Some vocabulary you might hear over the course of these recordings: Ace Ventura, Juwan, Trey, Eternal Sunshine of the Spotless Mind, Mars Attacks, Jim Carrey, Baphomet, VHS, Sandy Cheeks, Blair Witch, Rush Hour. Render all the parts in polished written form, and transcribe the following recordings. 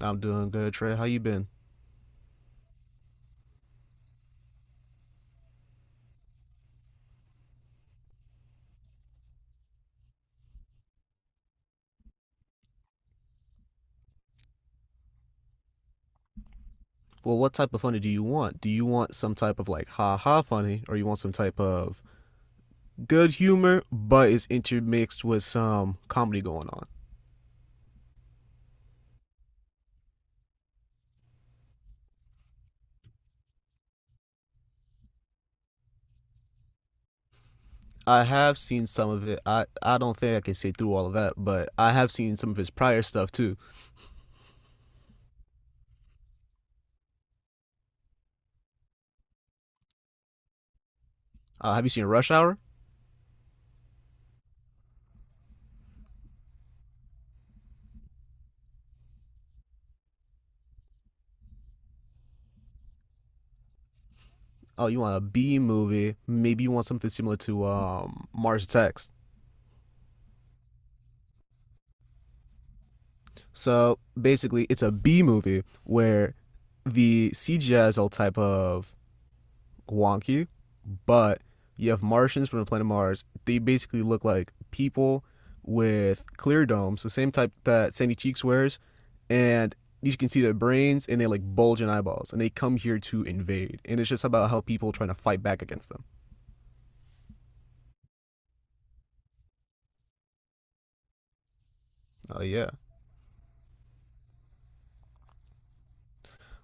I'm doing good, Trey. How you been? Well, what type of funny do you want? Do you want some type of like ha ha funny, or you want some type of good humor, but it's intermixed with some comedy going on? I have seen some of it. I don't think I can sit through all of that, but I have seen some of his prior stuff too. Have you seen Rush Hour? Oh, you want a B movie? Maybe you want something similar to Mars Attacks. So basically, it's a B movie where the CGI is all type of wonky, but you have Martians from the planet Mars. They basically look like people with clear domes, the same type that Sandy Cheeks wears, and you can see their brains and they like bulge in eyeballs, and they come here to invade. And it's just about how people are trying to fight back against them. Oh, yeah,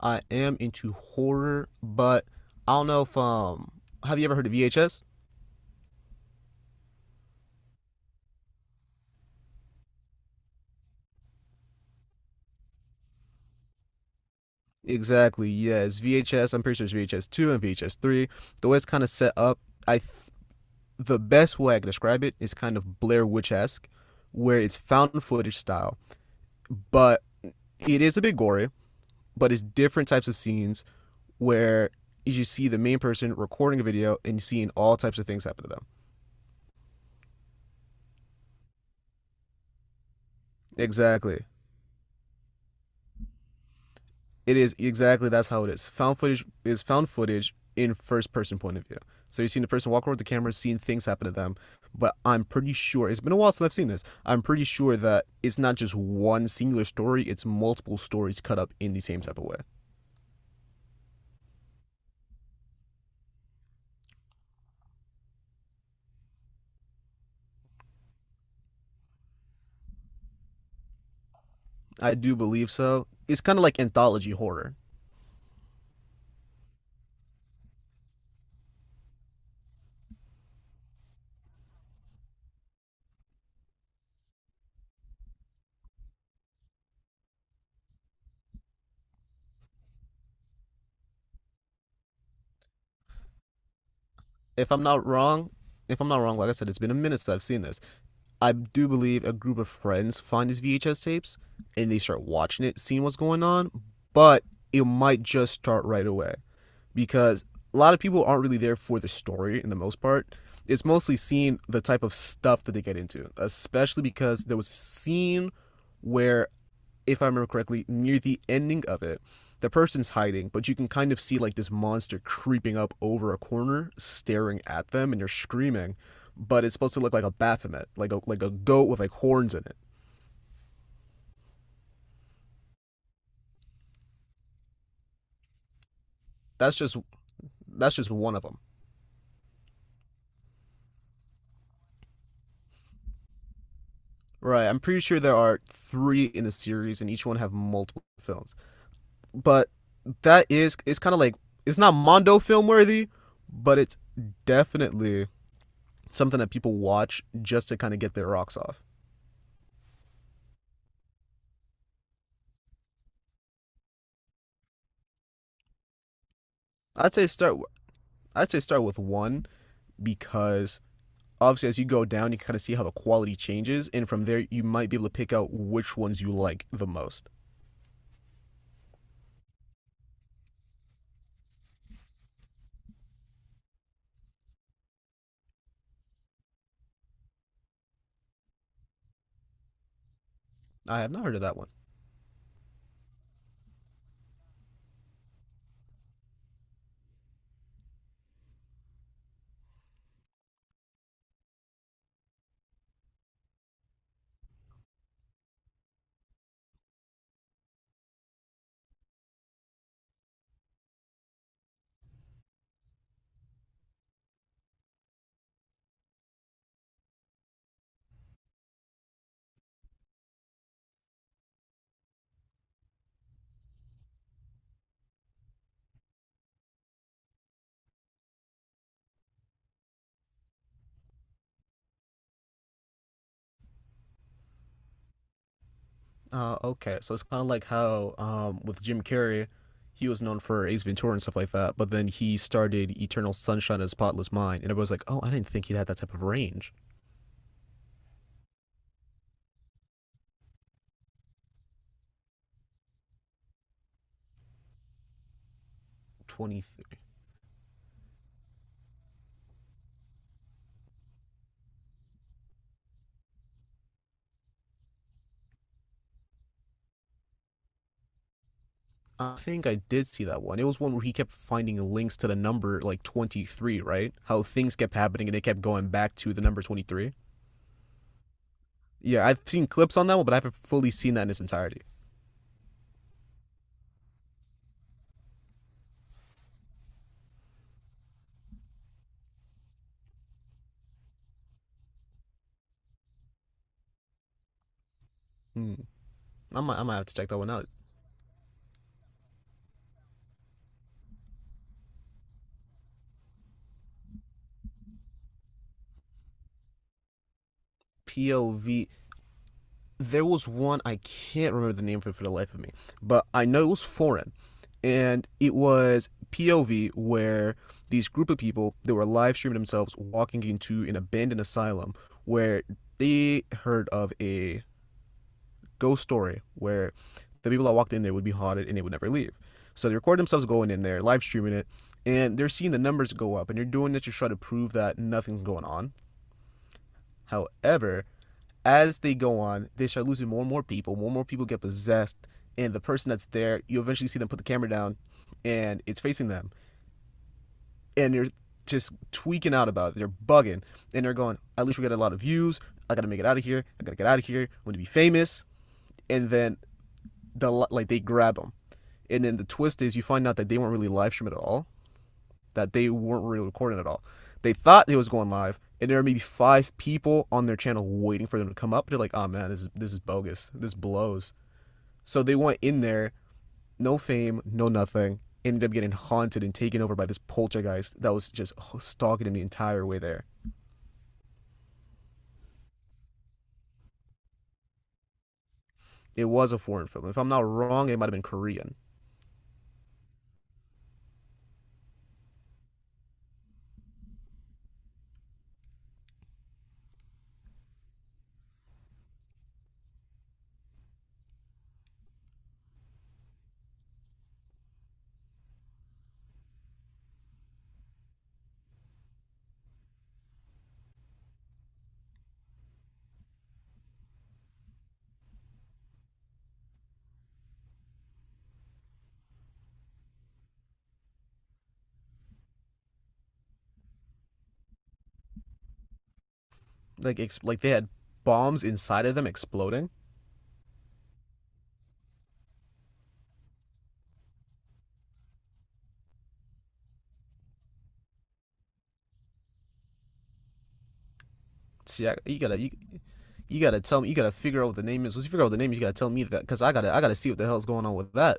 I am into horror, but I don't know if have you ever heard of VHS? Exactly. Yes, VHS. I'm pretty sure it's VHS two and VHS three. The way it's kind of set up, I th- the best way I can describe it is kind of Blair Witch esque, where it's found footage style, but it is a bit gory, but it's different types of scenes where you see the main person recording a video and seeing all types of things happen to them. Exactly. It is exactly that's how it is. Found footage is found footage in first person point of view. So you're seeing the person walk over with the camera, seeing things happen to them. But I'm pretty sure it's been a while since I've seen this. I'm pretty sure that it's not just one singular story, it's multiple stories cut up in the same type of way. I do believe so. It's kind of like anthology horror. If I'm not wrong, if I'm not wrong, like I said, it's been a minute since I've seen this. I do believe a group of friends find these VHS tapes and they start watching it, seeing what's going on, but it might just start right away because a lot of people aren't really there for the story in the most part. It's mostly seeing the type of stuff that they get into, especially because there was a scene where, if I remember correctly, near the ending of it, the person's hiding, but you can kind of see like this monster creeping up over a corner, staring at them, and you're screaming. But it's supposed to look like a Baphomet, like a goat with like horns in it. That's just that's just one of them. Right. I'm pretty sure there are three in the series, and each one have multiple films. But that is it's kind of like it's not Mondo film worthy, but it's definitely something that people watch just to kind of get their rocks off. I'd say start I'd say start with one because obviously as you go down, you kind of see how the quality changes, and from there you might be able to pick out which ones you like the most. I have not heard of that one. Okay, so it's kind of like how with Jim Carrey, he was known for Ace Ventura and stuff like that, but then he started Eternal Sunshine of the Spotless Mind, and everyone's like, "Oh, I didn't think he had that type of range." 23. I think I did see that one. It was one where he kept finding links to the number like 23, right? How things kept happening and they kept going back to the number 23. Yeah, I've seen clips on that one, but I haven't fully seen that in its entirety. Hmm. I might have to check that one out. POV. There was one I can't remember the name for the life of me, but I know it was foreign, and it was POV where these group of people they were live streaming themselves walking into an abandoned asylum where they heard of a ghost story where the people that walked in there would be haunted and they would never leave. So they record themselves going in there, live streaming it, and they're seeing the numbers go up, and they're doing it to try to prove that nothing's going on. However, as they go on, they start losing more and more people. More and more people get possessed, and the person that's there, you eventually see them put the camera down, and it's facing them, and they're just tweaking out about it. They're bugging, and they're going, "At least we got a lot of views. I gotta make it out of here. I gotta get out of here. I want to be famous." And then the like they grab them. And then the twist is you find out that they weren't really live streaming at all, that they weren't really recording at all. They thought it was going live, and there are maybe five people on their channel waiting for them to come up. They're like, oh man, this is bogus. This blows. So they went in there, no fame, no nothing, ended up getting haunted and taken over by this poltergeist that was just stalking him the entire way there. It was a foreign film. If I'm not wrong, it might have been Korean. Like they had bombs inside of them exploding. See, you gotta you gotta tell me. You gotta figure out what the name is. Once you figure out what the name is, you gotta tell me that because I gotta see what the hell's going on with that.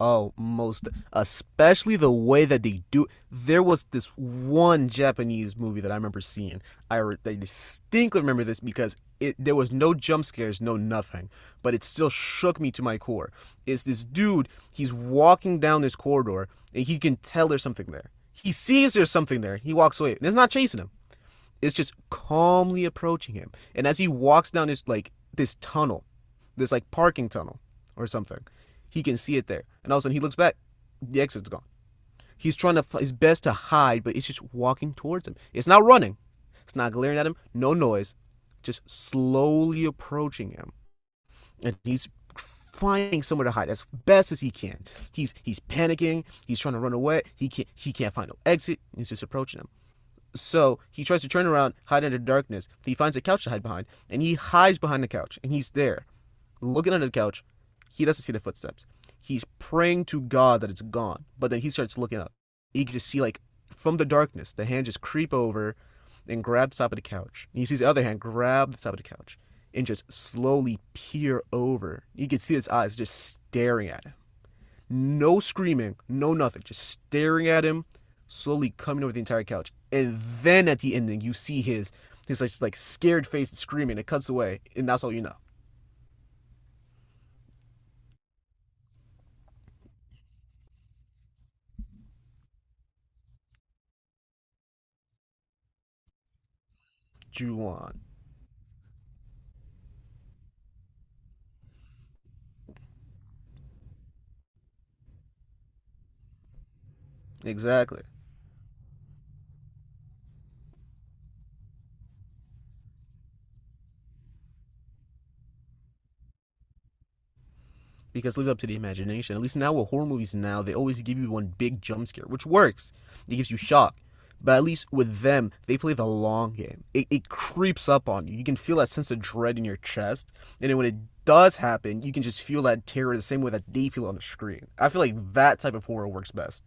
Oh, most especially the way that they do. There was this one Japanese movie that I remember seeing. I distinctly remember this because it there was no jump scares, no nothing, but it still shook me to my core. It's this dude. He's walking down this corridor and he can tell there's something there. He sees there's something there. He walks away and it's not chasing him, is just calmly approaching him. And as he walks down this like this tunnel, this like parking tunnel or something, he can see it there. And all of a sudden he looks back, the exit's gone. He's trying to his best to hide, but it's just walking towards him. It's not running. It's not glaring at him. No noise. Just slowly approaching him. And he's finding somewhere to hide as best as he can. He's panicking. He's trying to run away. He can't find no exit. He's just approaching him. So he tries to turn around, hide under darkness. He finds a couch to hide behind, and he hides behind the couch, and he's there, looking under the couch. He doesn't see the footsteps. He's praying to God that it's gone, but then he starts looking up. He can just see, like, from the darkness, the hand just creep over and grab the top of the couch. And he sees the other hand grab the top of the couch and just slowly peer over. You can see his eyes just staring at him. No screaming, no nothing. Just staring at him, slowly coming over the entire couch. And then at the ending, you see his like scared face and screaming. It cuts away, and that's all you know. Juwan. Exactly. Because leave it up to the imagination. At least now with horror movies now, they always give you one big jump scare, which works. It gives you shock. But at least with them, they play the long game. It creeps up on you. You can feel that sense of dread in your chest. And then when it does happen, you can just feel that terror the same way that they feel on the screen. I feel like that type of horror works best.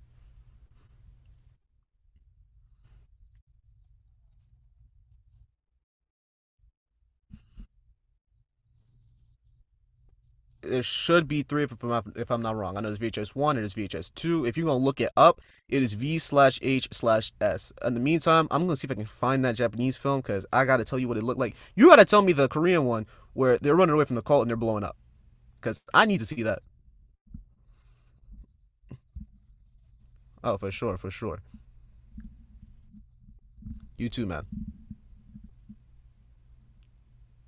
There should be three if I'm not wrong. I know there's VHS one, there's VHS two. If you're gonna look it up, it is V/H/S. In the meantime, I'm gonna see if I can find that Japanese film because I gotta tell you what it looked like. You gotta tell me the Korean one where they're running away from the cult and they're blowing up because I need to see that. Oh, for sure, for sure. You too, man.